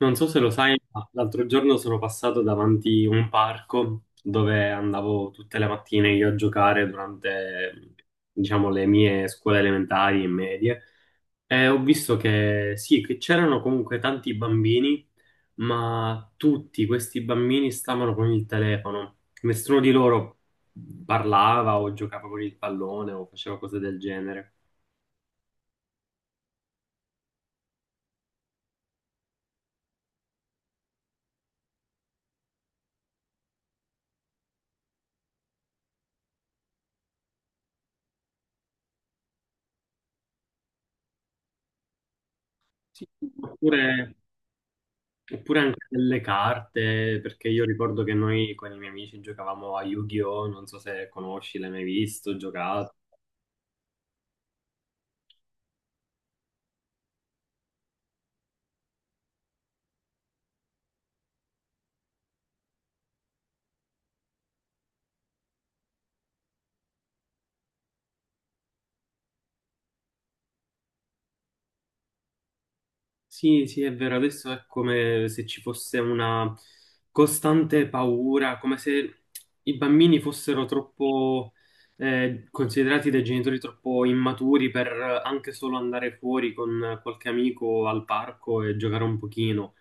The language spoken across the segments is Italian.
Non so se lo sai, ma l'altro giorno sono passato davanti un parco dove andavo tutte le mattine io a giocare durante, diciamo, le mie scuole elementari e medie e ho visto che sì, che c'erano comunque tanti bambini, ma tutti questi bambini stavano con il telefono. Nessuno di loro parlava o giocava con il pallone o faceva cose del genere. Sì. Oppure Oppure anche delle carte, perché io ricordo che noi con i miei amici giocavamo a Yu-Gi-Oh! Non so se conosci, l'hai mai visto, giocato. Sì, sì, è vero, adesso è come se ci fosse una costante paura, come se i bambini fossero troppo considerati dai genitori troppo immaturi per anche solo andare fuori con qualche amico al parco e giocare un pochino.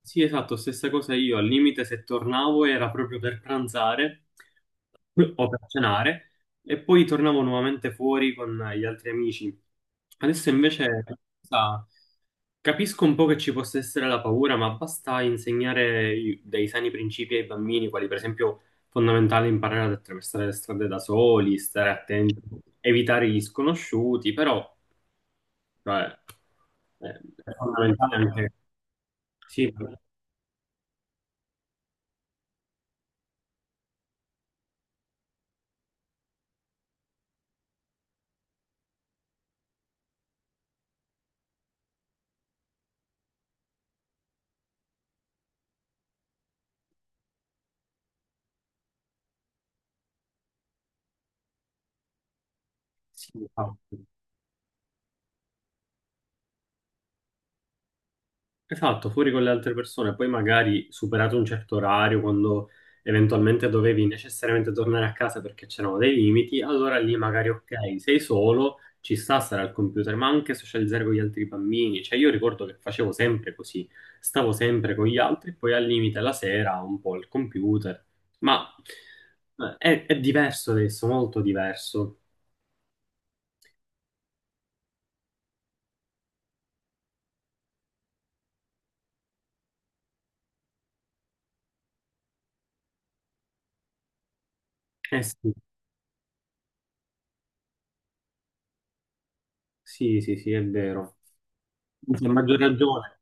Sì, esatto, stessa cosa io. Al limite, se tornavo era proprio per pranzare o per cenare e poi tornavo nuovamente fuori con gli altri amici. Adesso invece sa, capisco un po' che ci possa essere la paura, ma basta insegnare dei sani principi ai bambini, quali per esempio fondamentale imparare ad attraversare le strade da soli, stare attenti, evitare gli sconosciuti, però cioè, è fondamentale anche... Sì, sì, infatti. Esatto, fuori con le altre persone, poi magari superato un certo orario, quando eventualmente dovevi necessariamente tornare a casa perché c'erano dei limiti, allora lì magari ok, sei solo, ci sta stare al computer, ma anche socializzare con gli altri bambini. Cioè io ricordo che facevo sempre così, stavo sempre con gli altri, poi al limite la sera un po' al computer, ma è diverso adesso, molto diverso. Eh sì, sì, sì, sì, è vero. Anzi, a maggior ragione.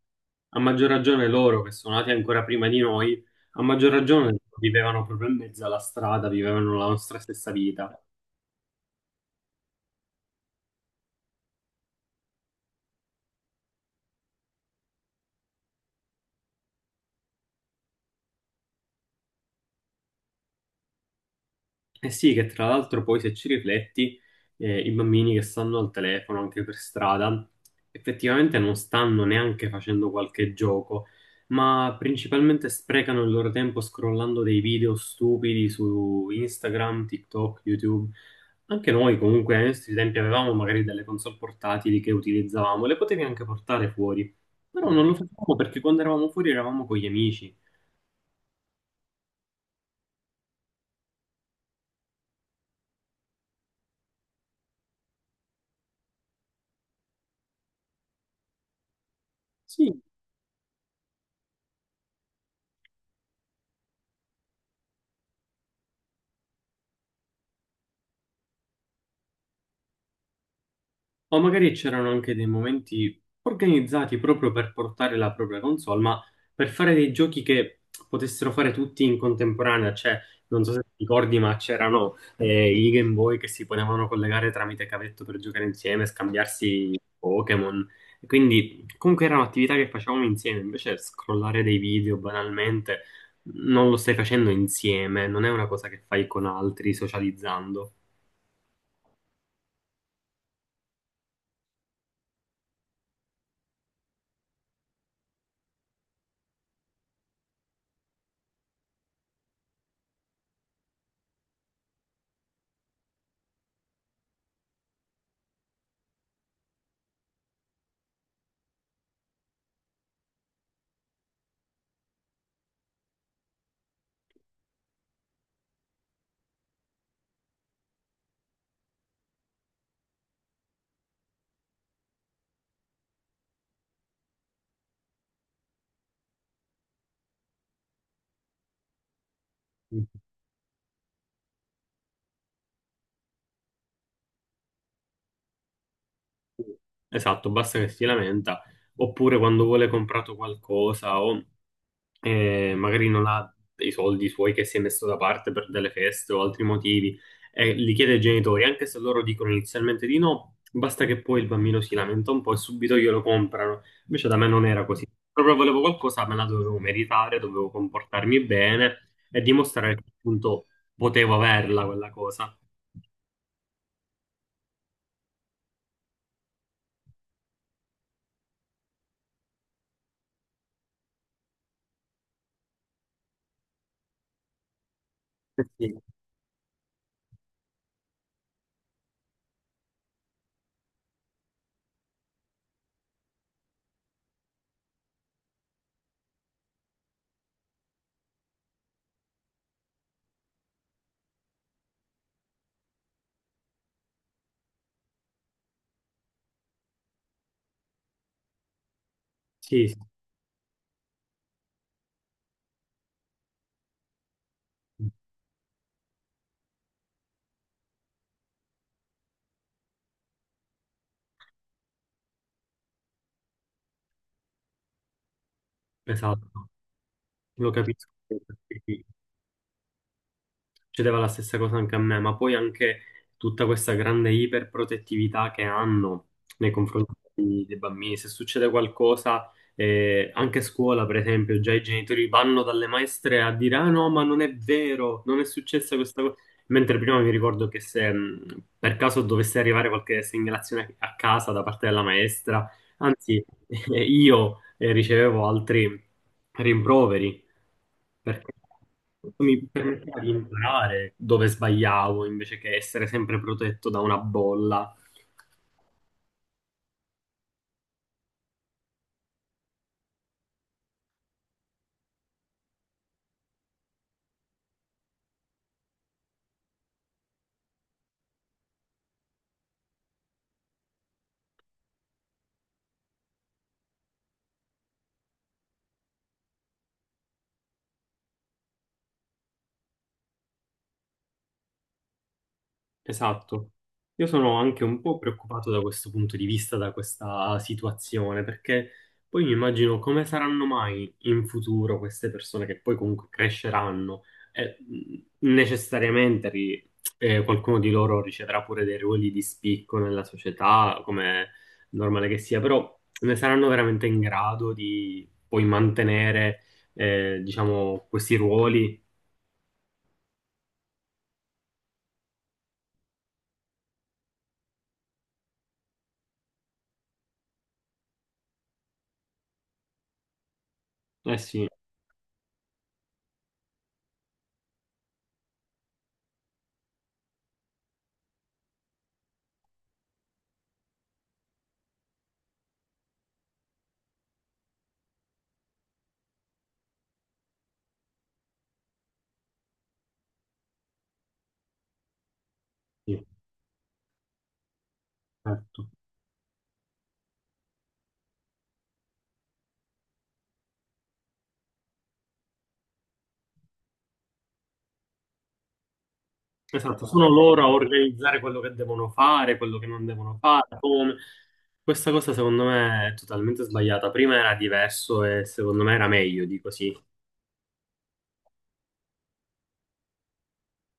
A maggior ragione loro che sono nati ancora prima di noi, a maggior ragione vivevano proprio in mezzo alla strada, vivevano la nostra stessa vita. Eh sì, che tra l'altro poi se ci rifletti, i bambini che stanno al telefono anche per strada, effettivamente non stanno neanche facendo qualche gioco, ma principalmente sprecano il loro tempo scrollando dei video stupidi su Instagram, TikTok, YouTube. Anche noi comunque ai nostri tempi avevamo magari delle console portatili che utilizzavamo, le potevi anche portare fuori, però non lo facevamo perché quando eravamo fuori eravamo con gli amici. Sì. O magari c'erano anche dei momenti organizzati proprio per portare la propria console, ma per fare dei giochi che potessero fare tutti in contemporanea, cioè, non so se ti ricordi, ma c'erano i Game Boy che si potevano collegare tramite cavetto per giocare insieme, scambiarsi Pokémon. Quindi comunque era un'attività che facevamo insieme, invece scrollare dei video banalmente non lo stai facendo insieme, non è una cosa che fai con altri socializzando. Esatto, basta che si lamenta, oppure quando vuole comprato qualcosa o magari non ha dei soldi suoi che si è messo da parte per delle feste o altri motivi e li chiede ai genitori, anche se loro dicono inizialmente di no, basta che poi il bambino si lamenta un po' e subito glielo comprano. Invece da me non era così. Proprio volevo qualcosa, me la dovevo meritare, dovevo comportarmi bene e dimostrare che appunto potevo averla quella cosa. Eh sì, sì, sì, esatto, lo capisco. Succedeva la stessa cosa anche a me, ma poi anche tutta questa grande iperprotettività che hanno nei confronti dei bambini. Se succede qualcosa, anche a scuola, per esempio, già i genitori vanno dalle maestre a dire: Ah no, ma non è vero, non è successa questa cosa. Mentre prima mi ricordo che se per caso dovesse arrivare qualche segnalazione a casa da parte della maestra, anzi, io ricevevo altri rimproveri perché questo mi permetteva di imparare dove sbagliavo invece che essere sempre protetto da una bolla. Esatto. Io sono anche un po' preoccupato da questo punto di vista, da questa situazione, perché poi mi immagino come saranno mai in futuro queste persone che poi comunque cresceranno e qualcuno di loro riceverà pure dei ruoli di spicco nella società, come è normale che sia, però ne saranno veramente in grado di poi mantenere, diciamo, questi ruoli? Eh sì, sì, certo. Esatto, sono loro a organizzare quello che devono fare, quello che non devono fare, come. Questa cosa secondo me è totalmente sbagliata. Prima era diverso e secondo me era meglio di così.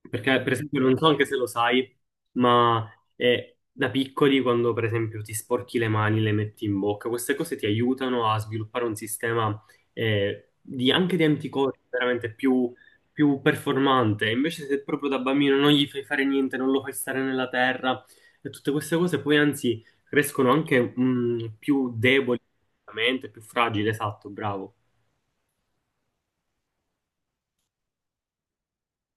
Perché, per esempio, non so anche se lo sai, ma da piccoli, quando per esempio ti sporchi le mani, le metti in bocca, queste cose ti aiutano a sviluppare un sistema anche di anticorpi veramente più, più performante. Invece, se proprio da bambino non gli fai fare niente, non lo fai stare nella terra, e tutte queste cose poi anzi crescono anche più deboli, più fragili, esatto, bravo.